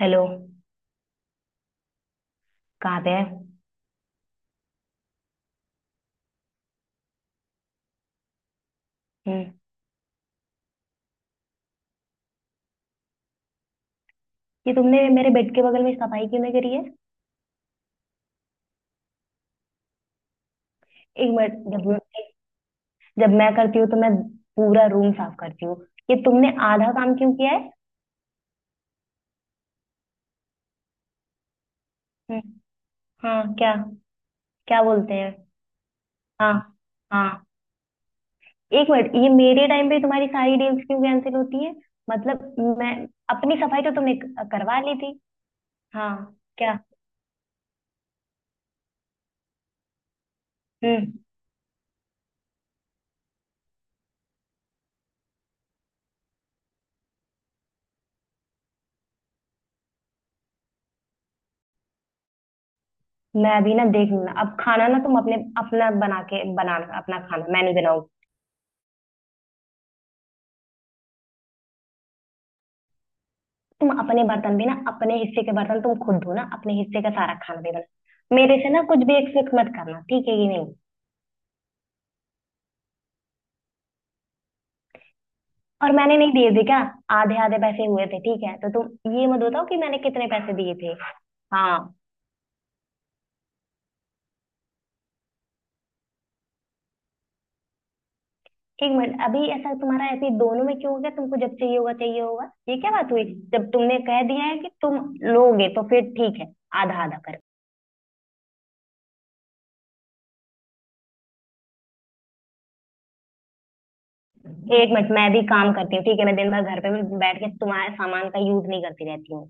Hello. कहाँ पे है? हम्म। ये तुमने मेरे बेड के बगल में सफाई क्यों नहीं करी है? एक मिनट। जब जब मैं करती हूँ तो मैं पूरा रूम साफ करती हूँ। ये तुमने आधा काम क्यों किया है? हम्म। हाँ, क्या? क्या बोलते हैं? हाँ। हाँ। एक मिनट, ये मेरे टाइम पे तुम्हारी सारी डील्स क्यों कैंसिल होती है? मतलब, मैं अपनी सफाई तो तुमने करवा ली थी। हाँ। क्या? हम्म। मैं अभी ना देख लूँ ना। अब खाना ना, तुम अपने अपना बना के बनाना, अपना खाना मैं नहीं बनाऊंगी। तुम अपने बर्तन भी ना, अपने हिस्से के बर्तन तुम खुद धो ना, अपने हिस्से का सारा खाना भी बना। मेरे से ना कुछ भी एक्सपेक्ट मत करना, ठीक है कि नहीं? और मैंने नहीं दिए थे क्या? आधे आधे पैसे हुए थे ठीक है, तो तुम ये मत बताओ कि मैंने कितने पैसे दिए थे। हाँ। एक मिनट, अभी ऐसा तुम्हारा ऐसे दोनों में क्यों हो गया? तुमको जब चाहिए होगा चाहिए होगा, ये क्या बात हुई? जब तुमने कह दिया है कि तुम लोगे तो फिर ठीक है, आधा आधा कर। एक मिनट, मैं भी काम करती हूँ ठीक है। मैं दिन भर घर पे भी बैठ के तुम्हारे सामान का यूज नहीं करती रहती हूँ।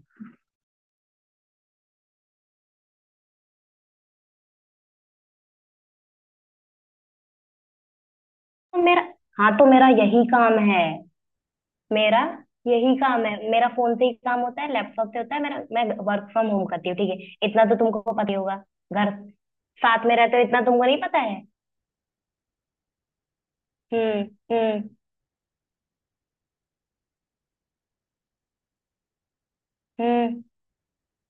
तो मेरा, हाँ, तो मेरा यही काम है। मेरा यही काम है, मेरा फोन से ही काम होता है, लैपटॉप से होता है मेरा। मैं वर्क फ्रॉम होम करती हूँ ठीक है, इतना तो तुमको पता ही होगा। घर साथ में रहते हो, इतना तुमको नहीं पता है? हम्म। हम्म। हम्म।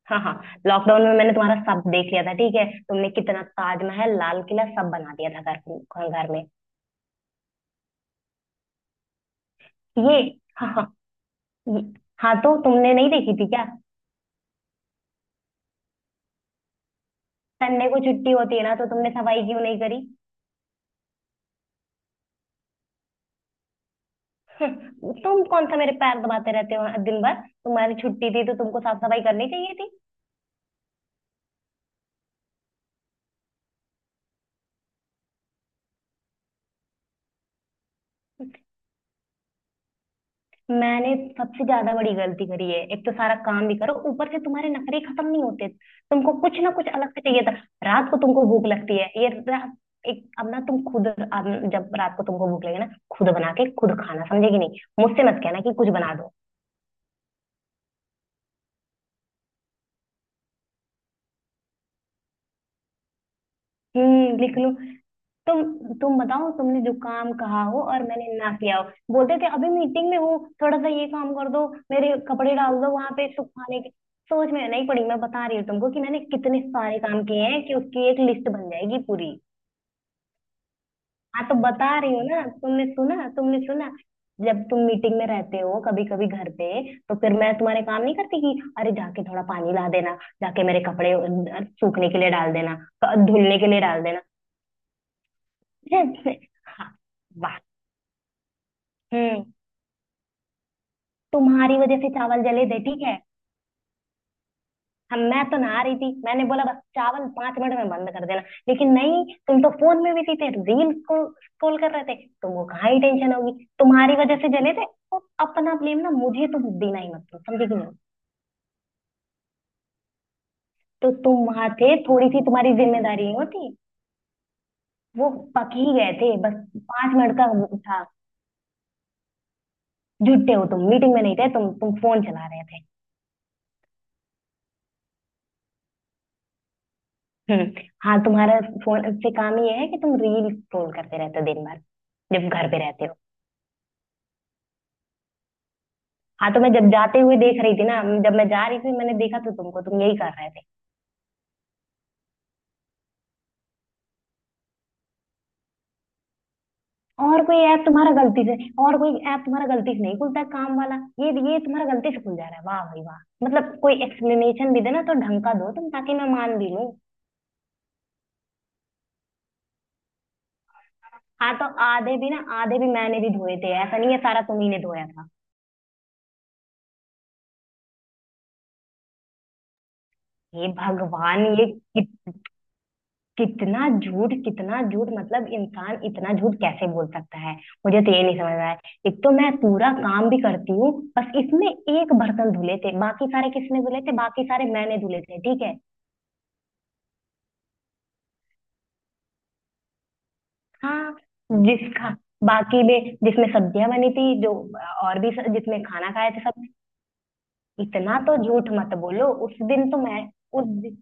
हाँ। हाँ। लॉकडाउन में मैंने तुम्हारा सब देख लिया था ठीक है, तुमने कितना ताजमहल लाल किला सब बना दिया था घर घर में। ये, हाँ। हाँ। ये, हाँ, तो तुमने नहीं देखी थी क्या? संडे को छुट्टी होती है ना, तो तुमने सफाई क्यों नहीं करी? तुम कौन सा मेरे पैर दबाते रहते हो दिन भर? तुम्हारी छुट्टी थी तो तुमको साफ सफाई करनी चाहिए थी। मैंने सबसे ज्यादा बड़ी गलती करी है, एक तो सारा काम भी करो, ऊपर से तुम्हारे नखरे खत्म नहीं होते, तुमको कुछ ना कुछ अलग से चाहिए था। रात को तुमको भूख लगती है ये रात। एक अब ना तुम खुद अब, जब रात को तुमको भूख लगे ना, खुद बना के खुद खाना, समझे कि नहीं? मुझसे मत कहना कि कुछ बना दो। हम्म, लिख लो। तुम बताओ, तुमने जो काम कहा हो और मैंने ना किया हो। बोलते थे अभी मीटिंग में हूँ, थोड़ा सा ये काम कर दो, मेरे कपड़े डाल दो वहां पे सुखाने के। सोच में नहीं पड़ी, मैं बता रही हूँ तुमको कि मैंने कितने सारे काम किए हैं कि उसकी एक लिस्ट बन जाएगी पूरी। हाँ, तो बता रही हूँ ना, तुमने सुना? तुमने सुना? जब तुम मीटिंग में रहते हो कभी कभी घर पे, तो फिर मैं तुम्हारे काम नहीं करती कि अरे जाके थोड़ा पानी ला देना, जाके मेरे कपड़े सूखने के लिए डाल देना, धुलने के लिए डाल देना। हाँ। वाह। हम्म। तुम्हारी वजह से चावल जले थे ठीक है। हम मैं तो नहा रही थी, मैंने बोला बस चावल 5 मिनट में बंद कर देना। लेकिन नहीं, तुम तो फोन में बिजी थे, रील को स्क्रॉल कर रहे थे। तुमको कहाँ ही टेंशन होगी। तुम्हारी वजह से जले थे। और अपना ब्लेम ना मुझे तुम देना ही मत करो, समझे कि नहीं? तो तुम वहां थे, थोड़ी सी तुम्हारी जिम्मेदारी होती। वो पक ही गए थे बस। 5 मिनट का वो था। झूठे हो तुम, मीटिंग में नहीं थे तुम फोन चला रहे थे। हम्म। हाँ, तुम्हारा फोन से काम ये है कि तुम रील स्क्रॉल करते रहते हो दिन भर जब घर पे रहते हो। हाँ, तो मैं जब जाते हुए देख रही थी ना, जब मैं जा रही थी मैंने देखा तो तुमको, तुम यही कर रहे थे। और कोई ऐप तुम्हारा गलती से, और कोई ऐप तुम्हारा गलती से नहीं खुलता है, काम वाला। ये तुम्हारा गलती से खुल जा रहा है, वाह भाई वाह। मतलब, कोई एक्सप्लेनेशन भी देना तो ढंग का दो तुम, ताकि मैं मान भी लूं। हाँ, तो आधे भी ना, आधे भी मैंने भी धोए थे, ऐसा नहीं है सारा तुम्ही ने धोया था। हे भगवान। ये कितना झूठ, कितना झूठ। मतलब, इंसान इतना झूठ कैसे बोल सकता है? मुझे तो ये नहीं समझ रहा है। एक तो मैं पूरा काम भी करती हूँ, बस इसमें एक बर्तन धुले थे, बाकी सारे किसने धुले थे? बाकी सारे मैंने धुले थे ठीक है। हाँ, जिसका बाकी में जिसमें सब्जियां बनी थी जो, और भी जिसमें खाना खाए थे सब। इतना तो झूठ मत बोलो, उस दिन तो मैं, उस दिन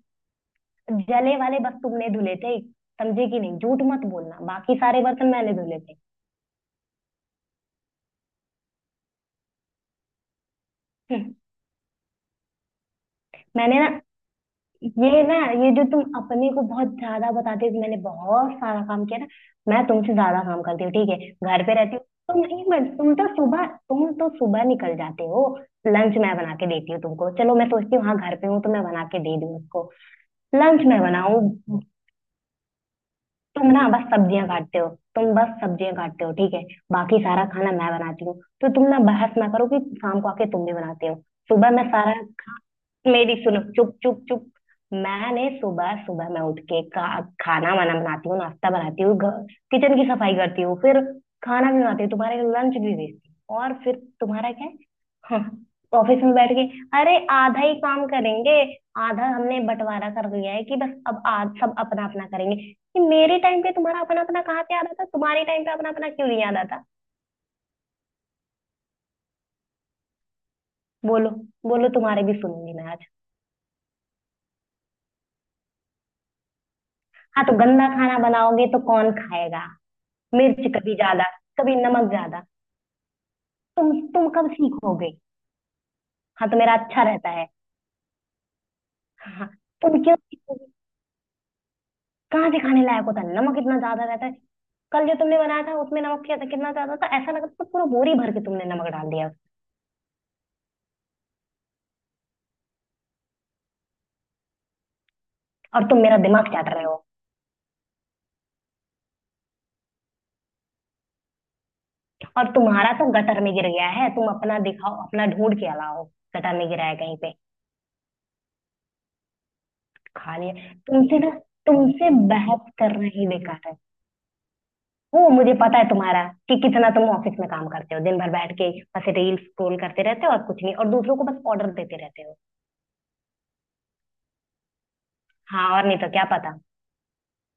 जले वाले बस तुमने धुले थे, समझे कि नहीं? झूठ मत बोलना, बाकी सारे बर्तन मैंने धुले थे। हम्म। मैंने ना, ये ना, ये जो तुम अपने को बहुत ज्यादा बताते हो कि मैंने बहुत सारा काम किया ना, मैं तुमसे ज्यादा काम करती हूँ ठीक है। घर पे रहती हूँ, तुम एक मिनट, तुम तो सुबह निकल जाते हो। लंच मैं बना के देती हूँ तुमको, चलो मैं सोचती हूँ हाँ घर पे हूँ तो मैं बना के दे दूँ उसको। लंच मैं बनाऊँ। तुम ना बस सब्जियां काटते हो, तुम बस सब्जियां काटते हो ठीक है। बाकी सारा खाना मैं बनाती हूँ। तो तुम ना बहस ना करो कि शाम को आके तुम भी बनाते हो। सुबह मैं सारा, मेरी सुनो, चुप चुप चुप। मैंने सुबह, सुबह मैं उठ के का खाना वाना बनाती हूँ, नाश्ता बनाती हूँ, किचन की सफाई करती हूँ, फिर खाना भी बनाती हूँ, तुम्हारे लंच भी भेजती हूँ। और फिर तुम्हारा क्या है? हाँ, ऑफिस में बैठ के, अरे आधा ही काम करेंगे। आधा हमने बंटवारा कर दिया है कि बस अब आज सब अपना अपना करेंगे, कि मेरे टाइम पे तुम्हारा अपना अपना कहाँ से याद आता, तुम्हारे टाइम पे अपना अपना क्यों नहीं याद आता? बोलो। बोलो, तुम्हारे भी सुनूंगी मैं आज। हाँ, तो गंदा खाना बनाओगे तो कौन खाएगा? मिर्च कभी ज्यादा, कभी नमक ज्यादा। तुम कब सीखोगे? हाँ तो मेरा अच्छा रहता है। हाँ। हाँ। तुम क्यों सीखोगे? कहाँ से खाने लायक होता है, नमक इतना ज्यादा रहता है। कल जो तुमने बनाया था उसमें नमक किया था कितना ज्यादा था, ऐसा लगा था पूरा बोरी भर के तुमने नमक डाल दिया। और तुम मेरा दिमाग चाट रहे हो। और तुम्हारा तो गटर में गिर गया है, तुम अपना दिखाओ, अपना ढूंढ के लाओ। गटर में गिरा है कहीं पे। खा लिया तुमसे ना, तुमसे बहस करना ही बेकार है। वो मुझे पता है तुम्हारा, कि कितना तुम ऑफिस में काम करते हो दिन भर बैठ के, बस रील स्क्रॉल करते रहते हो और कुछ नहीं, और दूसरों को बस ऑर्डर देते रहते हो। हाँ और नहीं तो क्या पता।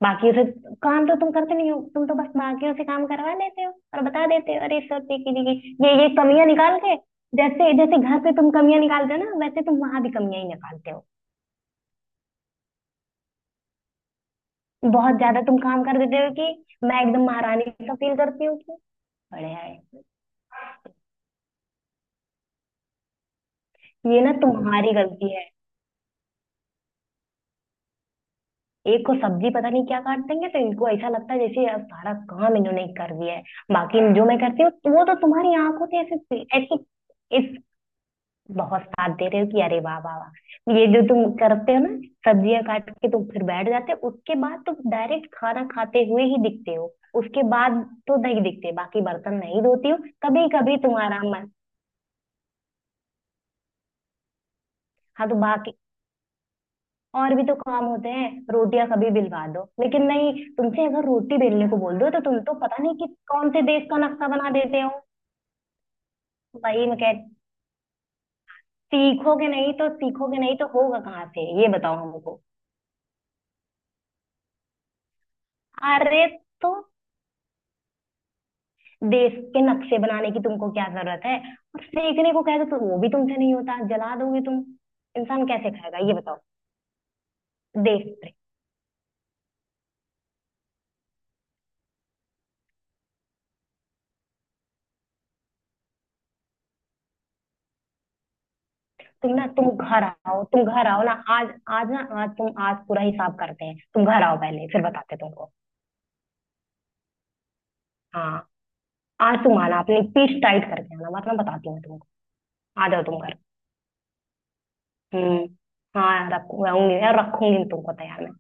बाकियों से काम तो तुम करते नहीं हो, तुम तो बस बाकियों से काम करवा लेते हो और बता देते हो अरे सर देखिए, देखिए ये कमियां निकाल के। जैसे जैसे घर पे तुम कमियां निकालते हो ना, वैसे तुम वहां भी कमियां ही निकालते हो। बहुत ज्यादा तुम काम कर देते हो कि मैं एकदम महारानी सा फील करती हूँ कि बढ़िया है। ये ना तुम्हारी गलती है। एक को सब्जी पता नहीं क्या काट देंगे तो इनको ऐसा लगता है जैसे यार सारा काम इन्होंने ही कर दिया है। बाकी जो मैं करती हूँ वो तो तुम्हारी आंखों से ऐसे ऐसे। इस, बहुत साथ दे रहे हो कि अरे वाह वाह वाह, ये जो तुम करते हो ना, सब्जियां काट के तुम फिर बैठ जाते हो, उसके बाद तुम डायरेक्ट खाना खाते हुए ही दिखते हो। उसके बाद तो नहीं दिखते, बाकी बर्तन नहीं धोती हो? कभी कभी तुम्हारा मन, हाँ तो बाकी और भी तो काम होते हैं, रोटियां कभी बिलवा दो, लेकिन नहीं, तुमसे अगर रोटी बेलने को बोल दो तो तुम तो पता नहीं कि कौन से देश का नक्शा बना देते हो। भाई मैं कह, सीखोगे नहीं तो होगा कहाँ से, ये बताओ हमको। अरे तो देश के नक्शे बनाने की तुमको क्या जरूरत है? और सीखने को कह दो तो वो भी तुमसे नहीं होता, जला दोगे तुम। इंसान कैसे खाएगा ये बताओ? देश प्रेम। तुम ना, तुम घर आओ ना आज। आज ना, आज तुम, आज पूरा हिसाब करते हैं, तुम घर आओ पहले फिर बताते तुमको। हाँ। आंसू माना आपने, पीठ टाइट करके आना वरना बताती हूँ तुमको। आ जाओ तुम घर। हम्म। हाँ, यार रखूंगी, यार रखूंगी तुमको तैयार मैं।